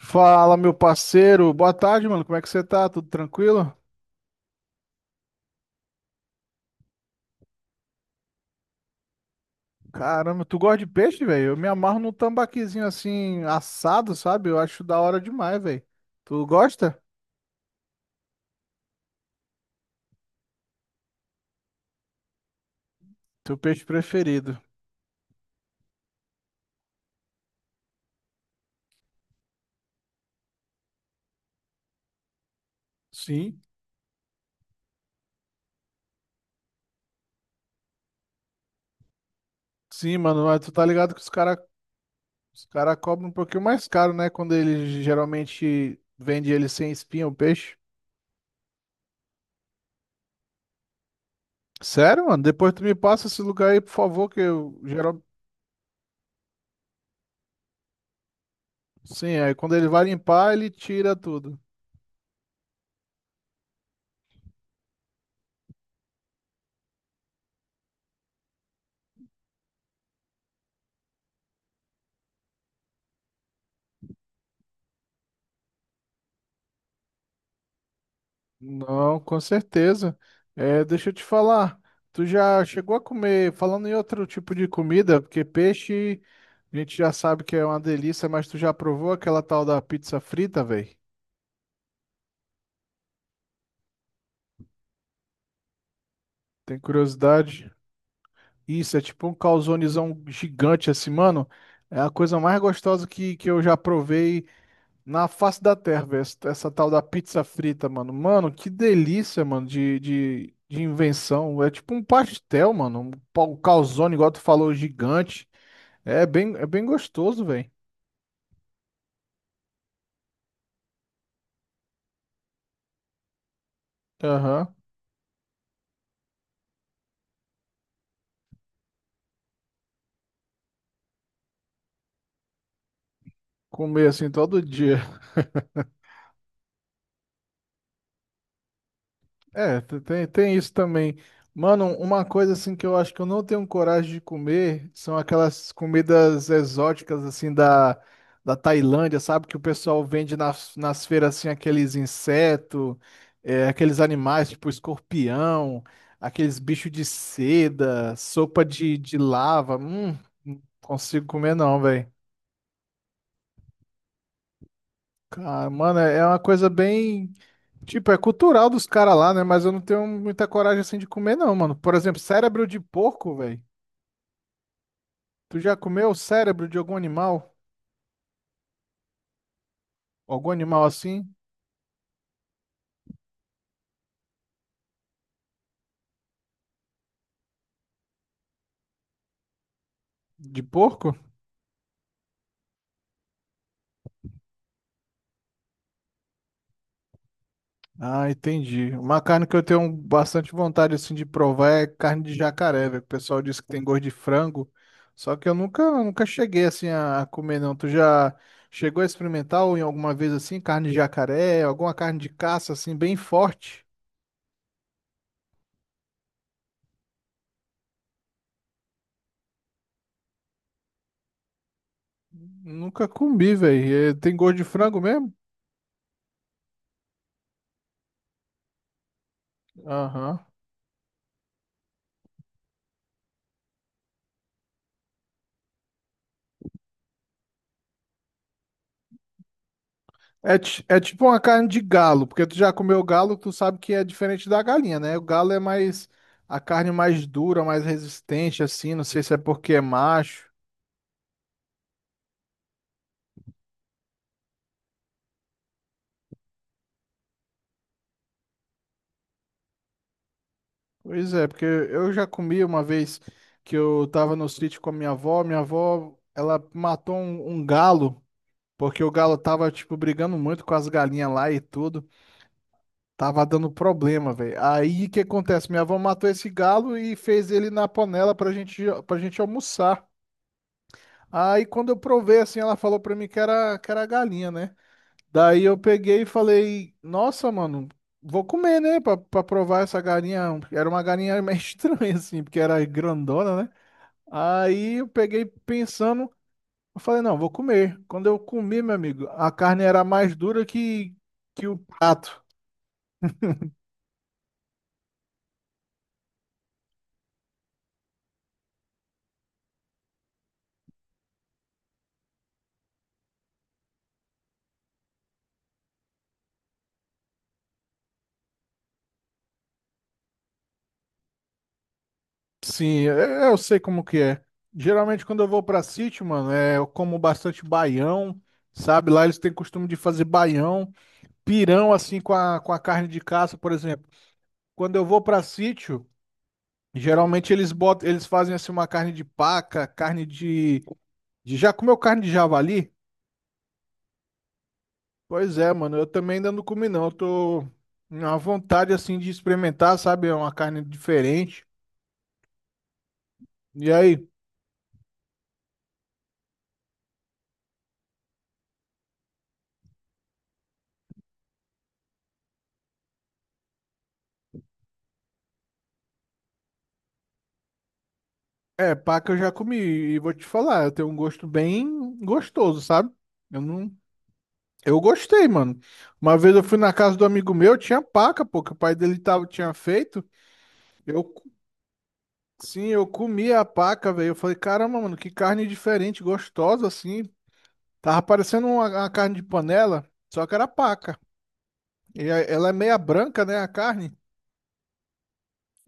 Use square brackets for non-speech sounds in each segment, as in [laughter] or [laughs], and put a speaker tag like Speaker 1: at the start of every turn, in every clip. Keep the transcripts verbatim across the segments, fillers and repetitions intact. Speaker 1: Fala, meu parceiro. Boa tarde, mano. Como é que você tá? Tudo tranquilo? Caramba, tu gosta de peixe, velho? Eu me amarro num tambaquizinho assim, assado, sabe? Eu acho da hora demais, velho. Tu gosta? Teu peixe preferido. Sim. Sim, mano. Mas tu tá ligado que os cara, os cara cobram um pouquinho mais caro, né? Quando ele geralmente vende ele sem espinha, o peixe. Sério, mano? Depois tu me passa esse lugar aí, por favor, que eu geral... Sim, aí quando ele vai limpar, ele tira tudo. Não, com certeza. É, deixa eu te falar. Tu já chegou a comer, falando em outro tipo de comida, porque peixe a gente já sabe que é uma delícia, mas tu já provou aquela tal da pizza frita, velho? Tem curiosidade? Isso, é tipo um calzonezão gigante assim, mano. É a coisa mais gostosa que, que eu já provei. Na face da terra, velho, essa essa tal da pizza frita, mano. Mano, que delícia, mano, de, de, de invenção. É tipo um pastel, mano. Um pa- um calzone, igual tu falou, gigante. É bem, é bem gostoso, velho. Aham. Comer assim todo dia. É, te- tem, tem isso também. Mano, uma coisa assim que eu acho que eu não tenho coragem de comer são aquelas comidas exóticas assim da, da Tailândia, sabe? Que o pessoal vende nas, nas feiras assim aqueles insetos, aqueles animais tipo escorpião, aqueles bichos de seda, sopa de, de lava. Hum, não consigo comer não, velho. Cara, mano, é é uma coisa bem tipo, é cultural dos caras lá, né? Mas eu não tenho muita coragem assim de comer, não, mano. Por exemplo, cérebro de porco, velho. Tu já comeu cérebro de algum animal? Algum animal assim? De porco? Ah, entendi. Uma carne que eu tenho bastante vontade assim de provar é carne de jacaré, velho. O pessoal diz que tem gosto de frango. Só que eu nunca, nunca cheguei assim a a comer, não. Tu já chegou a experimentar ou em alguma vez assim, carne de jacaré, alguma carne de caça assim, bem forte? Nunca comi, velho. Tem gosto de frango mesmo? Aham. É, ti- é tipo uma carne de galo, porque tu já comeu galo, tu sabe que é diferente da galinha, né? O galo é mais a carne mais dura, mais resistente, assim. Não sei se é porque é macho. Pois é, porque eu já comi uma vez que eu tava no sítio com a minha avó. Minha avó, ela matou um, um galo, porque o galo tava, tipo, brigando muito com as galinhas lá e tudo. Tava dando problema, velho. Aí o que acontece? Minha avó matou esse galo e fez ele na panela pra gente, pra gente almoçar. Aí quando eu provei assim, ela falou pra mim que era, que era galinha, né? Daí eu peguei e falei, nossa, mano, vou comer, né? Pra, pra provar essa galinha. Era uma galinha meio [laughs] estranha, assim, porque era grandona, né? Aí eu peguei pensando, eu falei, não, vou comer. Quando eu comi, meu amigo, a carne era mais dura que, que o prato. Sim, eu, eu sei como que é. Geralmente quando eu vou pra sítio, mano, é, eu como bastante baião, sabe? Lá eles têm costume de fazer baião, pirão assim com a, com a carne de caça, por exemplo. Quando eu vou para sítio, geralmente eles botam, eles fazem assim uma carne de paca, carne de, de já comeu carne de javali? Pois é, mano, eu também ainda não comi não. Eu tô na vontade assim de experimentar, sabe? É uma carne diferente. E aí, é, paca eu já comi e vou te falar, eu tenho um gosto bem gostoso, sabe? Eu não Eu gostei, mano. Uma vez eu fui na casa do amigo meu, tinha paca, pô, que o pai dele tava, tinha feito. Eu Sim, eu comi a paca, velho. Eu falei, caramba, mano, que carne diferente, gostosa assim. Tava parecendo uma, uma carne de panela, só que era paca. E a- ela é meia branca, né, a carne,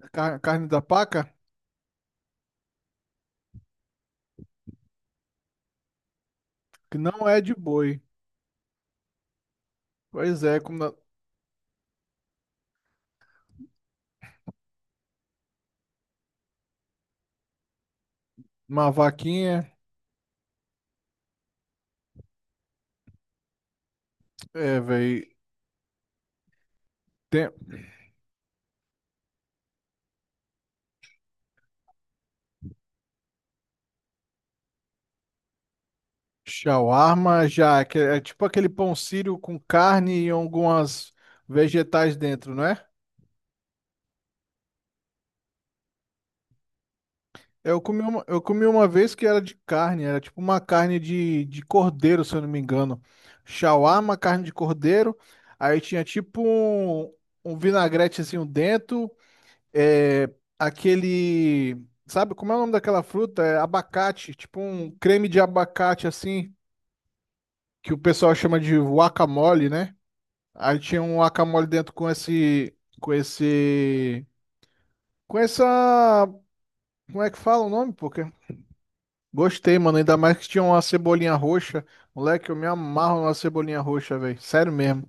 Speaker 1: a car- a carne da paca, que não é de boi. Pois é, como na- uma vaquinha, é, velho. Tem shawarma já, que é é tipo aquele pão sírio com carne e algumas vegetais dentro, não é? Eu comi uma, eu comi uma vez que era de carne, era tipo uma carne de, de cordeiro, se eu não me engano. Shawarma, carne de cordeiro. Aí tinha tipo um, um vinagrete assim dentro. É, aquele. Sabe como é o nome daquela fruta? É abacate. Tipo um creme de abacate assim, que o pessoal chama de guacamole, né? Aí tinha um guacamole dentro com esse. Com esse. Com essa. Como é que fala o nome, pô? Gostei, mano. Ainda mais que tinha uma cebolinha roxa. Moleque, eu me amarro na cebolinha roxa, velho. Sério mesmo.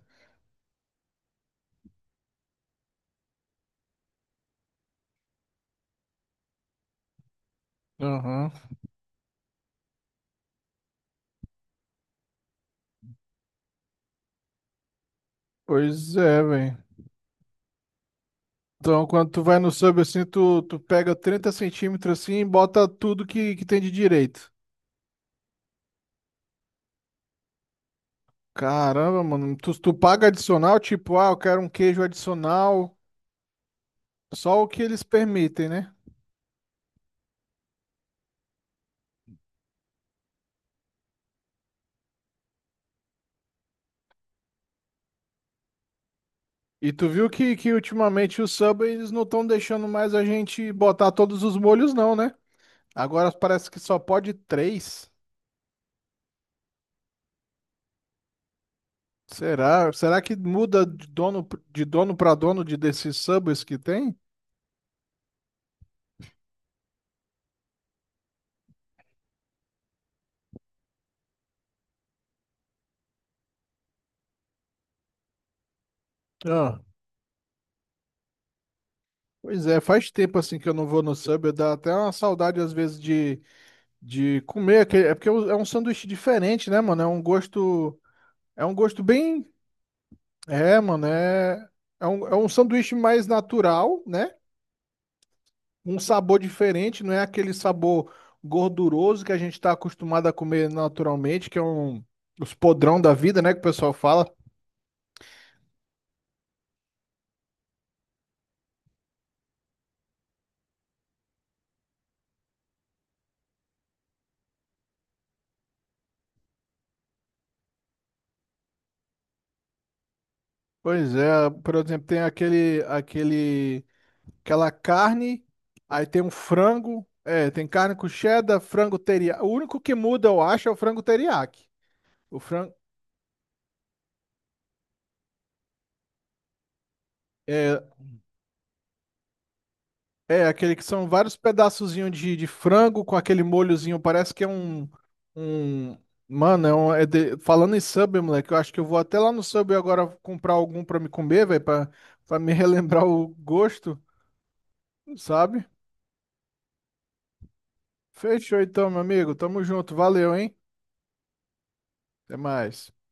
Speaker 1: Aham. Pois é, velho. Então, quando tu vai no sub assim, tu, tu pega trinta centímetros assim e bota tudo que, que tem de direito. Caramba, mano. Tu, tu paga adicional, tipo, ah, eu quero um queijo adicional. Só o que eles permitem, né? E tu viu que, que ultimamente o sub eles não estão deixando mais a gente botar todos os molhos, não, né? Agora parece que só pode três. Será? Será que muda de dono de dono para dono de desses subways que tem? Ah. Pois é, faz tempo assim que eu não vou no Subway, dá até uma saudade às vezes de, de comer, aquele- é porque é um é um sanduíche diferente, né, mano? É um gosto, é um gosto bem, é, mano, é, é um, é um sanduíche mais natural, né? Um sabor diferente, não é aquele sabor gorduroso que a gente está acostumado a comer naturalmente, que é um os podrão da vida, né, que o pessoal fala. Pois é, por exemplo, tem aquele aquele aquela carne, aí tem um frango, é, tem carne com cheddar, frango teriyaki. O único que muda, eu acho, é o frango teriyaki. O frango É, aquele que são vários pedaçozinhos de, de frango com aquele molhozinho, parece que é um, um... Mano, é um, é de- falando em Subway, moleque, eu acho que eu vou até lá no Subway agora comprar algum pra me comer, velho, pra, pra me [laughs] relembrar o gosto, sabe? Fechou então, meu amigo, tamo junto, valeu, hein? Até mais.